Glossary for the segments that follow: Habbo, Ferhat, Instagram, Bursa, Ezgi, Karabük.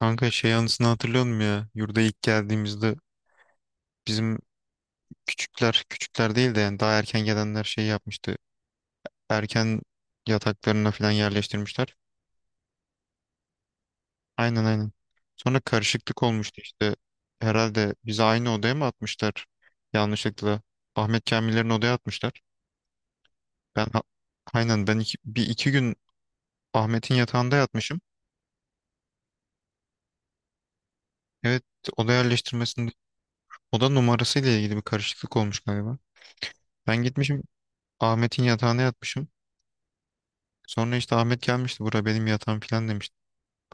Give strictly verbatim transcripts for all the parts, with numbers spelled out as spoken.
Kanka şey anısını hatırlıyor musun ya? Yurda ilk geldiğimizde bizim küçükler, küçükler değil de yani daha erken gelenler şey yapmıştı. Erken yataklarına falan yerleştirmişler. Aynen, aynen. Sonra karışıklık olmuştu işte. Herhalde bizi aynı odaya mı atmışlar? Yanlışlıkla. Ahmet Kamiller'in odaya atmışlar. Ben ha- aynen ben iki, bir iki gün Ahmet'in yatağında yatmışım. Evet, oda yerleştirmesinde oda numarasıyla ilgili bir karışıklık olmuş galiba. Ben gitmişim Ahmet'in yatağına yatmışım. Sonra işte Ahmet gelmişti, bura benim yatağım falan demişti.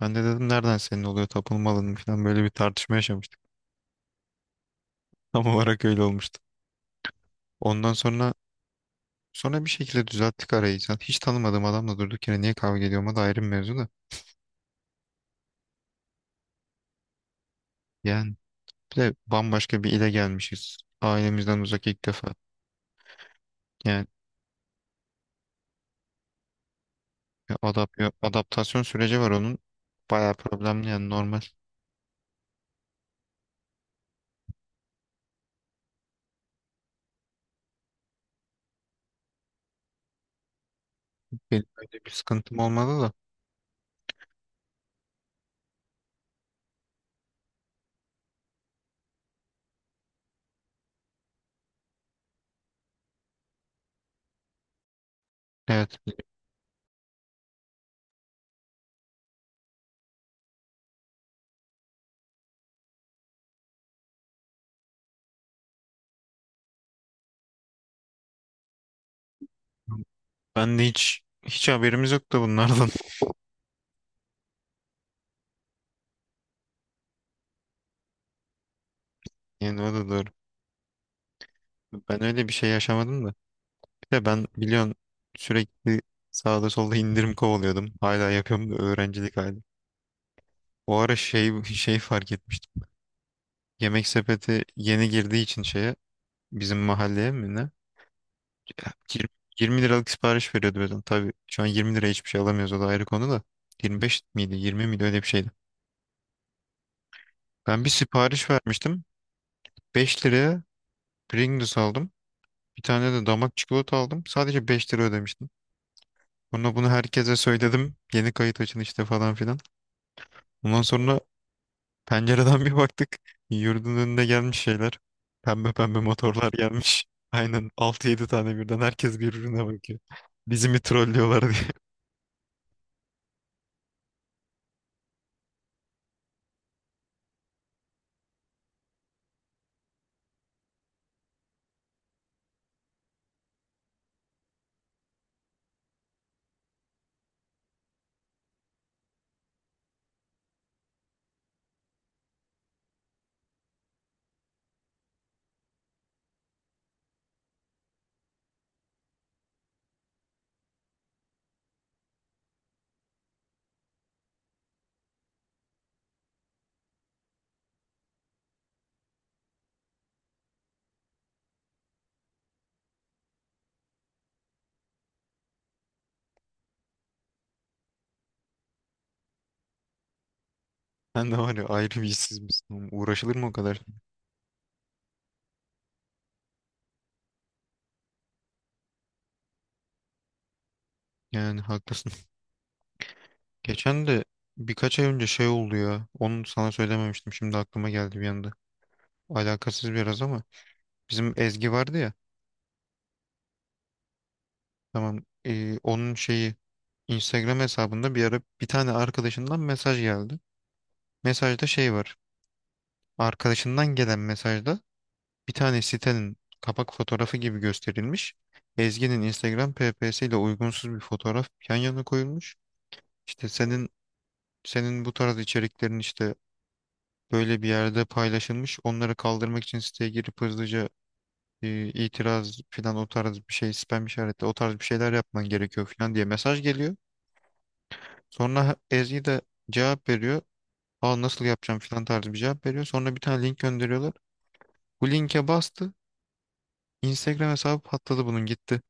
Ben de dedim nereden senin oluyor, tapınma alanın falan, böyle bir tartışma yaşamıştık. Tam olarak öyle olmuştu. Ondan sonra sonra bir şekilde düzelttik arayı. Zaten hiç tanımadığım adamla durduk yere niye kavga ediyorma da ayrı bir mevzu da. Yani bir de bambaşka bir ile gelmişiz. Ailemizden uzak ilk defa. Yani bir adap adaptasyon süreci var onun. Bayağı problemli yani, normal. Benim öyle bir sıkıntım olmadı da. Evet. Ben de hiç hiç haberimiz yoktu bunlardan. Yani o da doğru. Ben öyle bir şey yaşamadım da. Bir de ben biliyorsun, sürekli sağda solda indirim kovalıyordum. Hala yapıyorum da, öğrencilik hali. O ara şey şey fark etmiştim. Yemek sepeti yeni girdiği için şeye, bizim mahalleye mi ne? Yir- yirmi liralık sipariş veriyordu mesela. Tabii şu an yirmi liraya hiçbir şey alamıyoruz, o da ayrı konu da. yirmi beş miydi, yirmi miydi, öyle bir şeydi. Ben bir sipariş vermiştim. beş liraya Pringles aldım. Bir tane de damak çikolata aldım. Sadece beş lira ödemiştim. Bunu bunu herkese söyledim. Yeni kayıt açın işte falan filan. Ondan sonra pencereden bir baktık. Yurdun önüne gelmiş şeyler. Pembe pembe motorlar gelmiş. Aynen, altı yedi tane birden, herkes birbirine bakıyor. Bizi mi trollüyorlar diye. Ben de var ya, ayrı bir işsiz misin oğlum? Uğraşılır mı o kadar? Yani haklısın. Geçen de, birkaç ay önce şey oldu ya. Onu sana söylememiştim. Şimdi aklıma geldi bir anda. Alakasız biraz ama. Bizim Ezgi vardı ya. Tamam. Ee, onun şeyi, Instagram hesabında bir ara bir tane arkadaşından mesaj geldi. Mesajda şey var. Arkadaşından gelen mesajda bir tane sitenin kapak fotoğrafı gibi gösterilmiş. Ezgi'nin Instagram P P S ile uygunsuz bir fotoğraf yan yana koyulmuş. İşte senin senin bu tarz içeriklerin işte böyle bir yerde paylaşılmış. Onları kaldırmak için siteye girip hızlıca e, itiraz falan, o tarz bir şey, spam işareti, o tarz bir şeyler yapman gerekiyor falan diye mesaj geliyor. Sonra Ezgi de cevap veriyor. Aa, nasıl yapacağım filan tarzı bir cevap veriyor. Sonra bir tane link gönderiyorlar. Bu linke bastı. Instagram hesabı patladı, bunun gitti.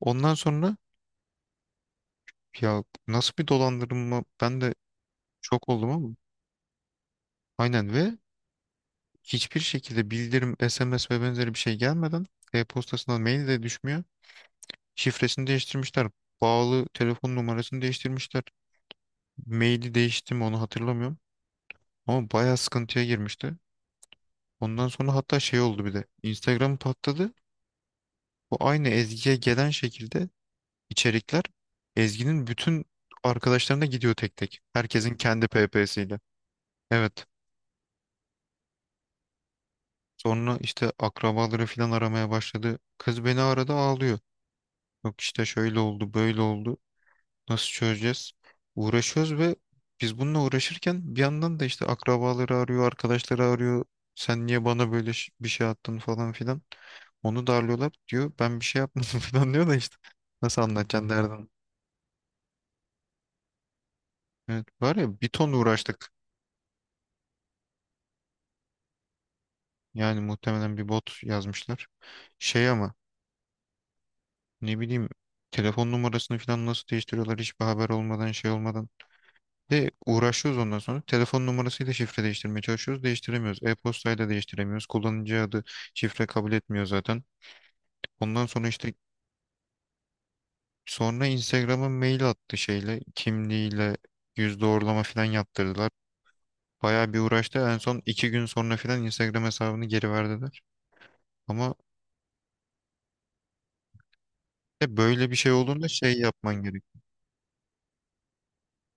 Ondan sonra, ya nasıl bir dolandırma, ben de şok oldum ama. Aynen, ve hiçbir şekilde bildirim, S M S ve benzeri bir şey gelmeden, e-postasına mail de düşmüyor. Şifresini değiştirmişler. Bağlı telefon numarasını değiştirmişler. Maili değişti mi, onu hatırlamıyorum. Ama bayağı sıkıntıya girmişti. Ondan sonra hatta şey oldu bir de. Instagram patladı. Bu aynı Ezgi'ye gelen şekilde içerikler, Ezgi'nin bütün arkadaşlarına gidiyor tek tek. Herkesin kendi P P'siyle. Evet. Sonra işte akrabaları falan aramaya başladı. Kız beni arada ağlıyor. Yok işte şöyle oldu, böyle oldu. Nasıl çözeceğiz? Uğraşıyoruz ve biz bununla uğraşırken bir yandan da işte akrabaları arıyor, arkadaşları arıyor. Sen niye bana böyle ş- bir şey attın falan filan. Onu darlıyorlar diyor. Ben bir şey yapmadım falan diyor da işte. Nasıl anlatacaksın, derdin. Evet, var ya bir ton uğraştık. Yani muhtemelen bir bot yazmışlar. Şey ama, ne bileyim, telefon numarasını falan nasıl değiştiriyorlar hiçbir haber olmadan, şey olmadan. De uğraşıyoruz ondan sonra. Telefon numarasıyla şifre değiştirmeye çalışıyoruz. Değiştiremiyoruz. E-postayla değiştiremiyoruz. Kullanıcı adı, şifre kabul etmiyor zaten. Ondan sonra işte, sonra Instagram'a mail attı, şeyle, kimliğiyle yüz doğrulama falan yaptırdılar. Bayağı bir uğraştı. En son iki gün sonra falan Instagram hesabını geri verdiler. Ama. De böyle bir şey olduğunda şey yapman gerek.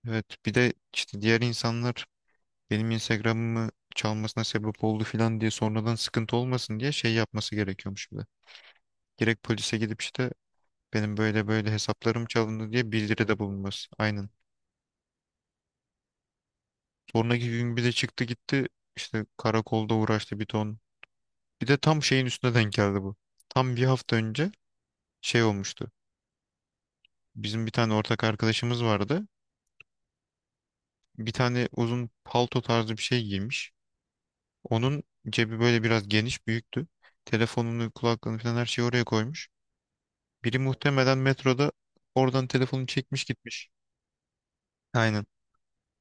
Evet, bir de işte diğer insanlar benim Instagram'ımı çalmasına sebep oldu falan diye sonradan sıkıntı olmasın diye şey yapması gerekiyormuş bir de. Direkt polise gidip işte benim böyle böyle hesaplarım çalındı diye bildiride bulunması. Aynen. Sonraki gün bir de çıktı gitti, işte karakolda uğraştı bir ton. Bir de tam şeyin üstüne denk geldi bu. Tam bir hafta önce şey olmuştu. Bizim bir tane ortak arkadaşımız vardı. Bir tane uzun palto tarzı bir şey giymiş. Onun cebi böyle biraz geniş büyüktü. Telefonunu, kulaklığını falan her şeyi oraya koymuş. Biri muhtemelen metroda oradan telefonu çekmiş gitmiş. Aynen.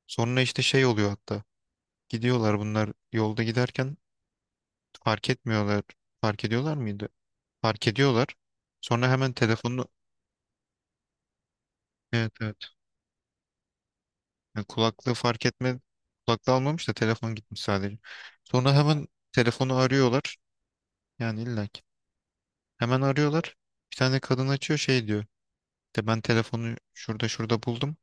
Sonra işte şey oluyor hatta. Gidiyorlar bunlar, yolda giderken fark etmiyorlar. Fark ediyorlar mıydı? Fark ediyorlar. Sonra hemen telefonu. Evet, evet. Yani kulaklığı fark etme, kulaklığı almamış da telefon gitmiş sadece. Sonra hemen telefonu arıyorlar. Yani illaki. Hemen arıyorlar. Bir tane kadın açıyor, şey diyor. De ben telefonu şurada şurada buldum.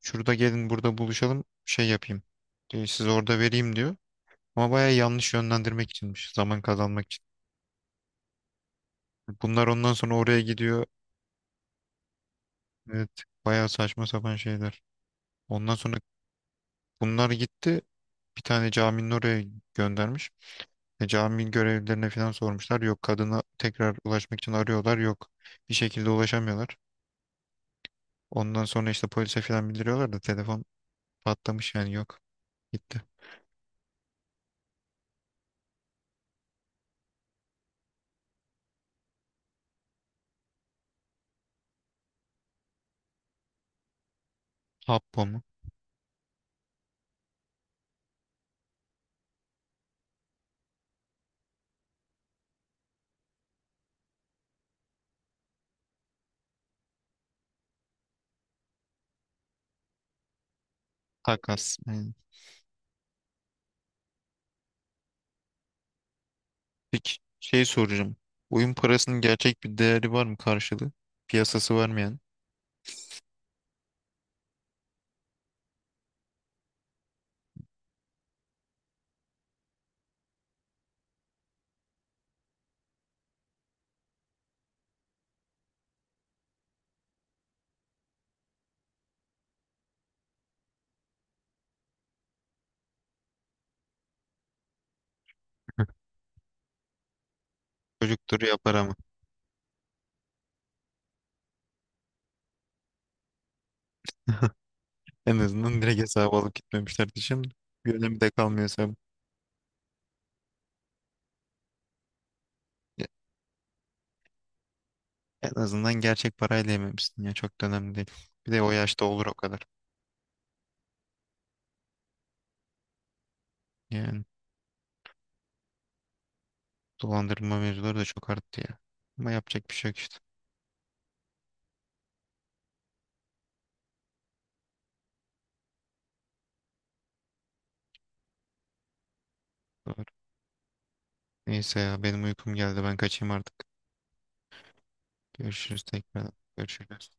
Şurada gelin, burada buluşalım, şey yapayım. Diyor, size orada vereyim diyor. Ama baya yanlış yönlendirmek içinmiş. Zaman kazanmak için. Bunlar ondan sonra oraya gidiyor. Evet, baya saçma sapan şeyler. Ondan sonra bunlar gitti. Bir tane caminin oraya göndermiş. E, cami görevlilerine falan sormuşlar. Yok, kadına tekrar ulaşmak için arıyorlar. Yok, bir şekilde ulaşamıyorlar. Ondan sonra işte polise falan bildiriyorlar da telefon patlamış yani, yok. Gitti. Habbo mu? Takas. Hı. Peki şey soracağım. Oyun parasının gerçek bir değeri var mı, karşılığı? Piyasası varmayan. Çocuktur yapar ama. En azından direkt hesabı alıp gitmemişler diyeceğim de. Bir önemi de kalmıyor hesabın. Ya, en azından gerçek parayla yememişsin ya. Çok da önemli değil. Bir de o yaşta olur o kadar. Yani dolandırma mevzuları da çok arttı ya. Ama yapacak bir şey yok işte. Doğru. Neyse ya, benim uykum geldi. Ben kaçayım artık. Görüşürüz tekrar. Görüşürüz.